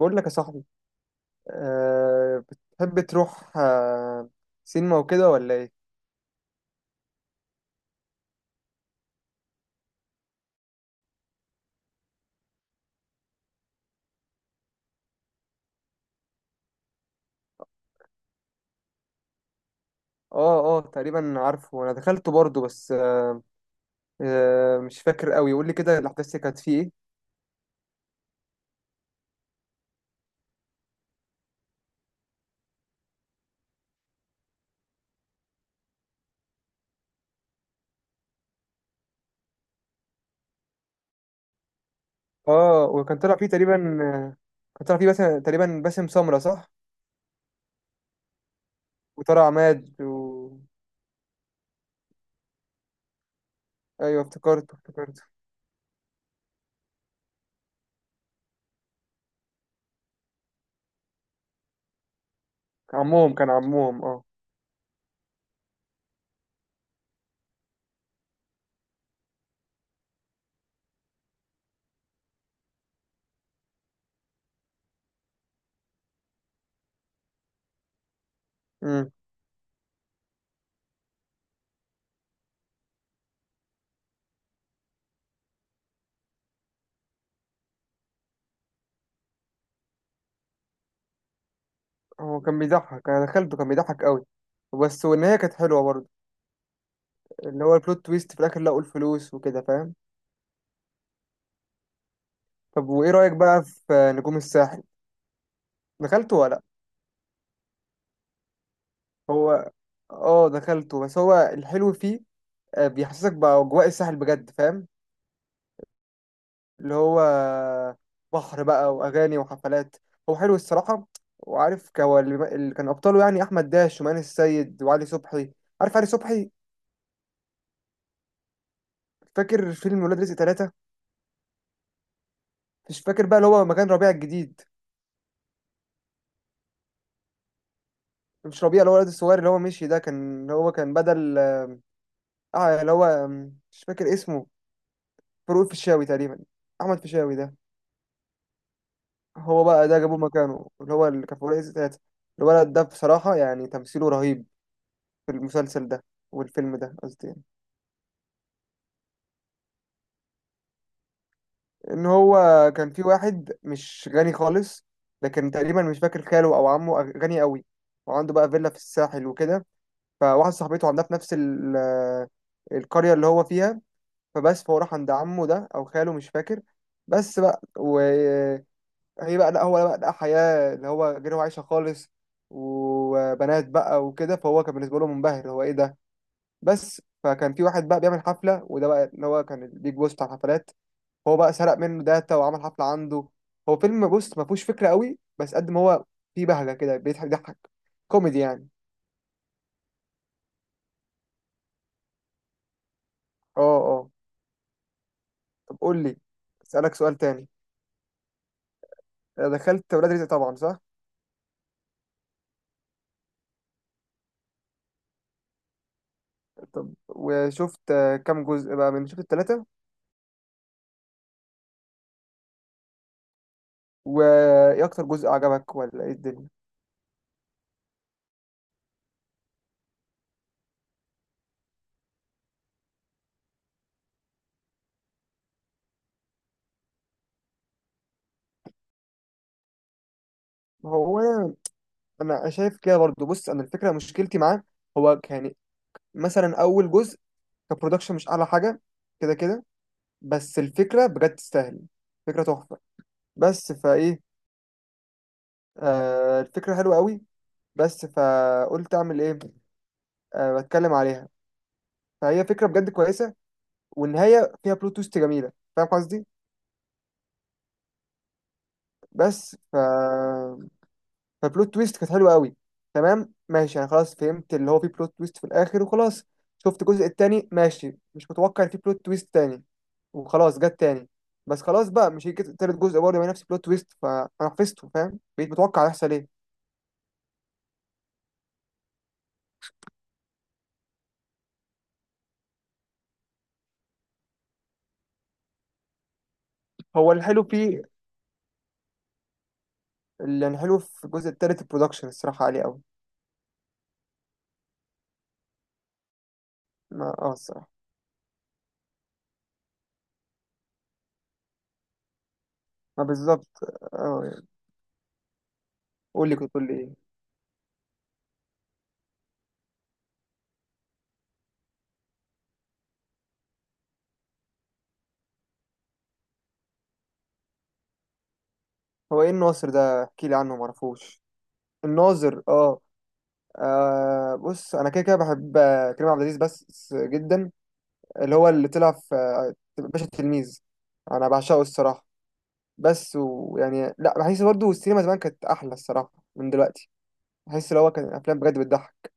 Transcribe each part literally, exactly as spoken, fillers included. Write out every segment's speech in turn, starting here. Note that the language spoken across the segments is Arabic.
بقول لك يا صاحبي أه بتحب تروح أه سينما وكده ولا ايه؟ اه اه تقريبا عارفه، انا دخلته برضه، بس أه أه مش فاكر قوي. قول لي كده الاحداث اللي كانت فيه ايه. اه وكان طلع فيه تقريبا، آه، كان طلع فيه باسم تقريبا، باسم سمرة صح. وطلع عماد و... ايوه افتكرته افتكرته كان عمهم كان عمهم اه. امم. هو كان بيضحك، انا دخلته كان بيضحك قوي، بس والنهايه كانت حلوه برضه، اللي هو البلوت تويست في الاخر لقوا الفلوس وكده فاهم. طب وايه رأيك بقى في نجوم الساحل؟ دخلته ولا لأ؟ هو اه دخلته، بس هو الحلو فيه آه، بيحسسك بأجواء الساحل بجد فاهم، اللي هو بحر بقى وأغاني وحفلات. هو حلو الصراحة. وعارف ك- هو اللي اللي كان أبطاله يعني أحمد داش ومان السيد وعلي صبحي، عارف علي صبحي؟ فاكر فيلم ولاد رزق ثلاثة؟ مش فاكر بقى اللي هو مكان ربيع الجديد، مش ربيع اللي هو الواد الصغير اللي هو مشي ده، كان اللي هو كان بدل آه اللي هو مم، مش فاكر اسمه. فاروق الفيشاوي تقريبا، أحمد فيشاوي ده. هو بقى ده جابوه مكانه، اللي هو اللي كان في ورقة ستات. الولد ده بصراحة يعني تمثيله رهيب في المسلسل ده، والفيلم ده قصدي يعني. ان هو كان في واحد مش غني خالص، لكن تقريبا مش فاكر خاله او عمه غني قوي وعنده بقى فيلا في الساحل وكده. فواحد صاحبته عندها في نفس ال- القرية اللي هو فيها. فبس فهو راح عند عمه ده او خاله مش فاكر. بس بقى هي بقى لا هو بقى لقى حياة اللي هو غير هو عايشها خالص، وبنات بقى وكده. فهو كان بالنسبة له منبهر هو ايه ده. بس فكان في واحد بقى بيعمل حفلة، وده بقى اللي هو كان البيج بوس بتاع الحفلات. هو بقى سرق منه داتا وعمل حفلة عنده. هو فيلم بص ما فيهوش فكرة قوي، بس قد ما هو فيه بهجة كده بيضحك ضحك، كوميدي يعني. اه اه. طب قول لي، اسألك سؤال تاني. دخلت ولاد رزق طبعا صح؟ طب وشفت آه، كام جزء بقى من شفت التلاتة؟ وايه اكتر جزء عجبك ولا ايه الدنيا؟ هو انا شايف كده برضو. بص انا الفكره مشكلتي معاه، هو ك- يعني مثلا اول جزء كبرودكشن مش اعلى حاجه، كده كده. بس الفكره بجد تستاهل، فكره تحفه. بس فايه، آه الفكره حلوه قوي. بس فقلت اعمل ايه، آه بتكلم عليها. فهي فكره بجد كويسه، والنهايه فيها بلوت تويست جميله فاهم قصدي. بس ف، فبلوت تويست كانت حلوه قوي. تمام ماشي، انا خلاص فهمت اللي هو في بلوت تويست في الاخر وخلاص. شفت الجزء التاني ماشي، مش متوقع إن في بلوت تويست تاني، وخلاص جت تاني. بس خلاص بقى، مش هيجي تالت جزء برضه يبقى نفس بلوت تويست. فانا حفظته فاهم، بقيت متوقع هيحصل ايه. هو الحلو فيه، اللي الحلو في الجزء التالت البرودكشن الصراحه عليه قوي. ما اه الصراحه. ما بالظبط. اه يعني. قول لي، كنت بتقول لي ايه. هو ايه الناظر ده احكي لي عنه ما اعرفوش. الناظر اه. آه بص، انا كده كده بحب آه، كريم عبد العزيز بس جدا، اللي هو اللي طلع في آه، باشا التلميذ. انا بعشقه الصراحه. بس ويعني لا، بحس برضه السينما زمان كانت احلى الصراحه من دلوقتي. بحس اللي هو كان الافلام بجد بتضحك.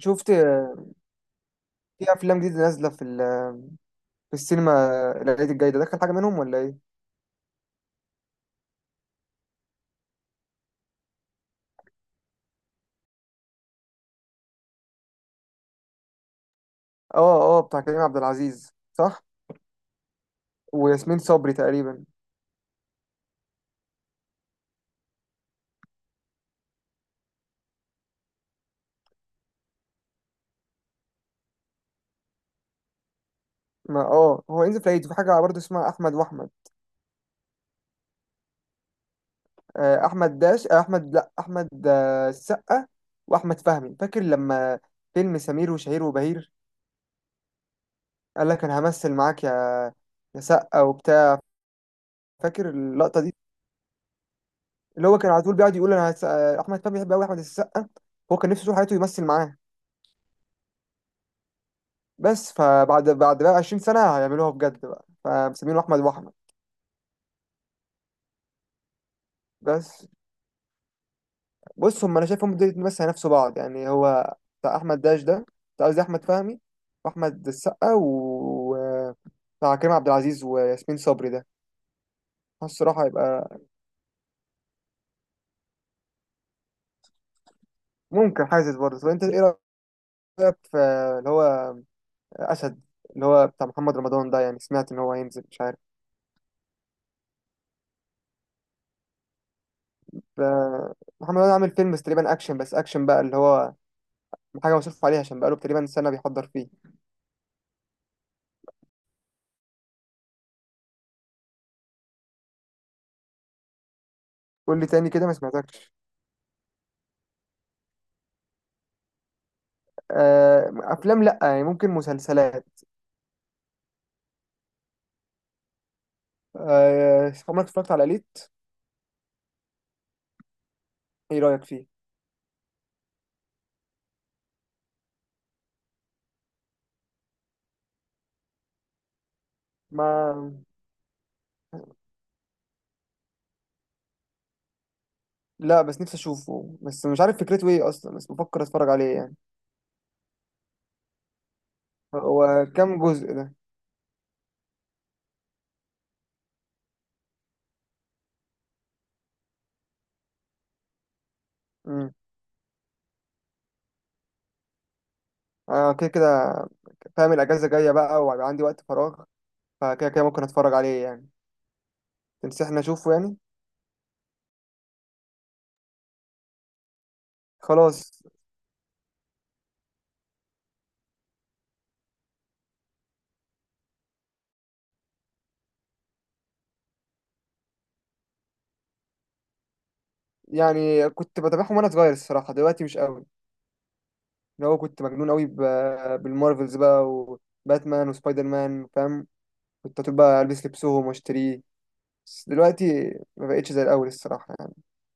شفت آه، في افلام جديده نازله في ال- في السينما؟ آه، العيد الجاي ده دخل حاجه منهم ولا ايه؟ اه اه، بتاع كريم عبد العزيز صح، وياسمين صبري تقريبا. ما اه، هو ينزل في العيد في حاجه برضه اسمها احمد واحمد. آه، احمد داش آه، احمد لا احمد آه، السقا، واحمد فهمي. فاكر لما فيلم سمير وشهير وبهير قال لك انا همثل معاك يا يا سقا وبتاع، فاكر اللقطه دي؟ اللي هو كان على طول بيقعد يقول انا هس... آه، احمد فهمي بيحب قوي احمد السقا، هو كان نفسه طول حياته يمثل معاه. بس فبعد بعد بقى عشرين سنه هيعملوها بجد بقى، فمسمينه احمد واحمد. بس بص، هم انا شايفهم دول بس هينافسوا بعض يعني. هو بتاع احمد داش ده، بتاع قصدي احمد فهمي واحمد السقا، و بتاع كريم عبد العزيز وياسمين صبري ده. حاسس الصراحه هيبقى، ممكن حاسس برضه. طب انت ايه رايك في اللي هو اسد، اللي هو بتاع محمد رمضان ده، يعني سمعت ان هو هينزل مش عارف. ف- محمد رمضان عامل فيلم بس تقريبا اكشن، بس اكشن بقى، اللي هو حاجه مصروف عليها عشان بقاله تقريبا سنه بيحضر فيه. قول لي تاني كده ما سمعتكش. آه، افلام لا يعني، ممكن مسلسلات. آه، عمرك اتفرجت على ليت؟ ايه رأيك فيه؟ ما لا، بس نفسي اشوفه، بس مش عارف فكرته ايه اصلا، بس بفكر اتفرج عليه يعني. هو كام جزء ده؟ امم. انا كده كده فاهم الاجازة جاية بقى وهيبقى عندي وقت فراغ، فكده كده ممكن اتفرج عليه يعني. تنصحني اشوفه يعني؟ خلاص. يعني كنت بتابعهم وانا صغير الصراحة، دلوقتي مش قوي. اللي هو كنت مجنون قوي ب- بالمارفلز بقى وباتمان وسبايدر مان فاهم. كنت طول بقى البس لبسهم واشتريه. بس دلوقتي ما بقتش زي الاول الصراحه يعني.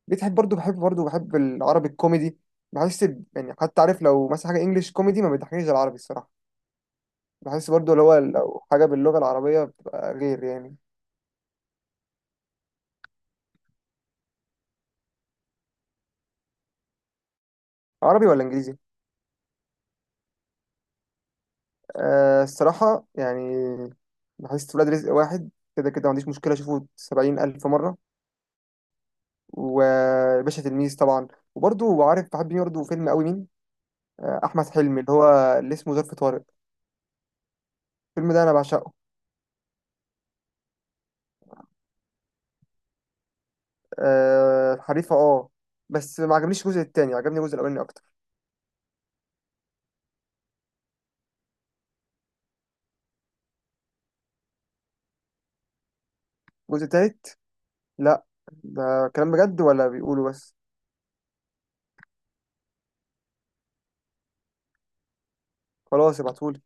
بتحب برضو، بحب برضو بحب العربي الكوميدي. بحس ب- يعني حتى عارف لو مثلا حاجه انجليش كوميدي ما بيضحكنيش زي العربي الصراحه. بحس برضو اللي هو لو حاجه باللغه العربيه بتبقى غير يعني. عربي ولا انجليزي؟ آه الصراحه يعني، بحس ولاد رزق واحد كده كده ما عنديش مشكله اشوفه سبعين الف مره. وباشا تلميذ طبعا. وبرضو عارف بحب مين برضو فيلم قوي مين؟ آه احمد حلمي، اللي هو اللي اسمه ظرف طارق، الفيلم ده انا بعشقه. آه حريفة اه، بس ما عجبنيش الجزء التاني، عجبني الجزء الأولاني أكتر. الجزء التالت، لأ. ده كلام بجد ولا بيقولوا بس؟ خلاص ابعتهولي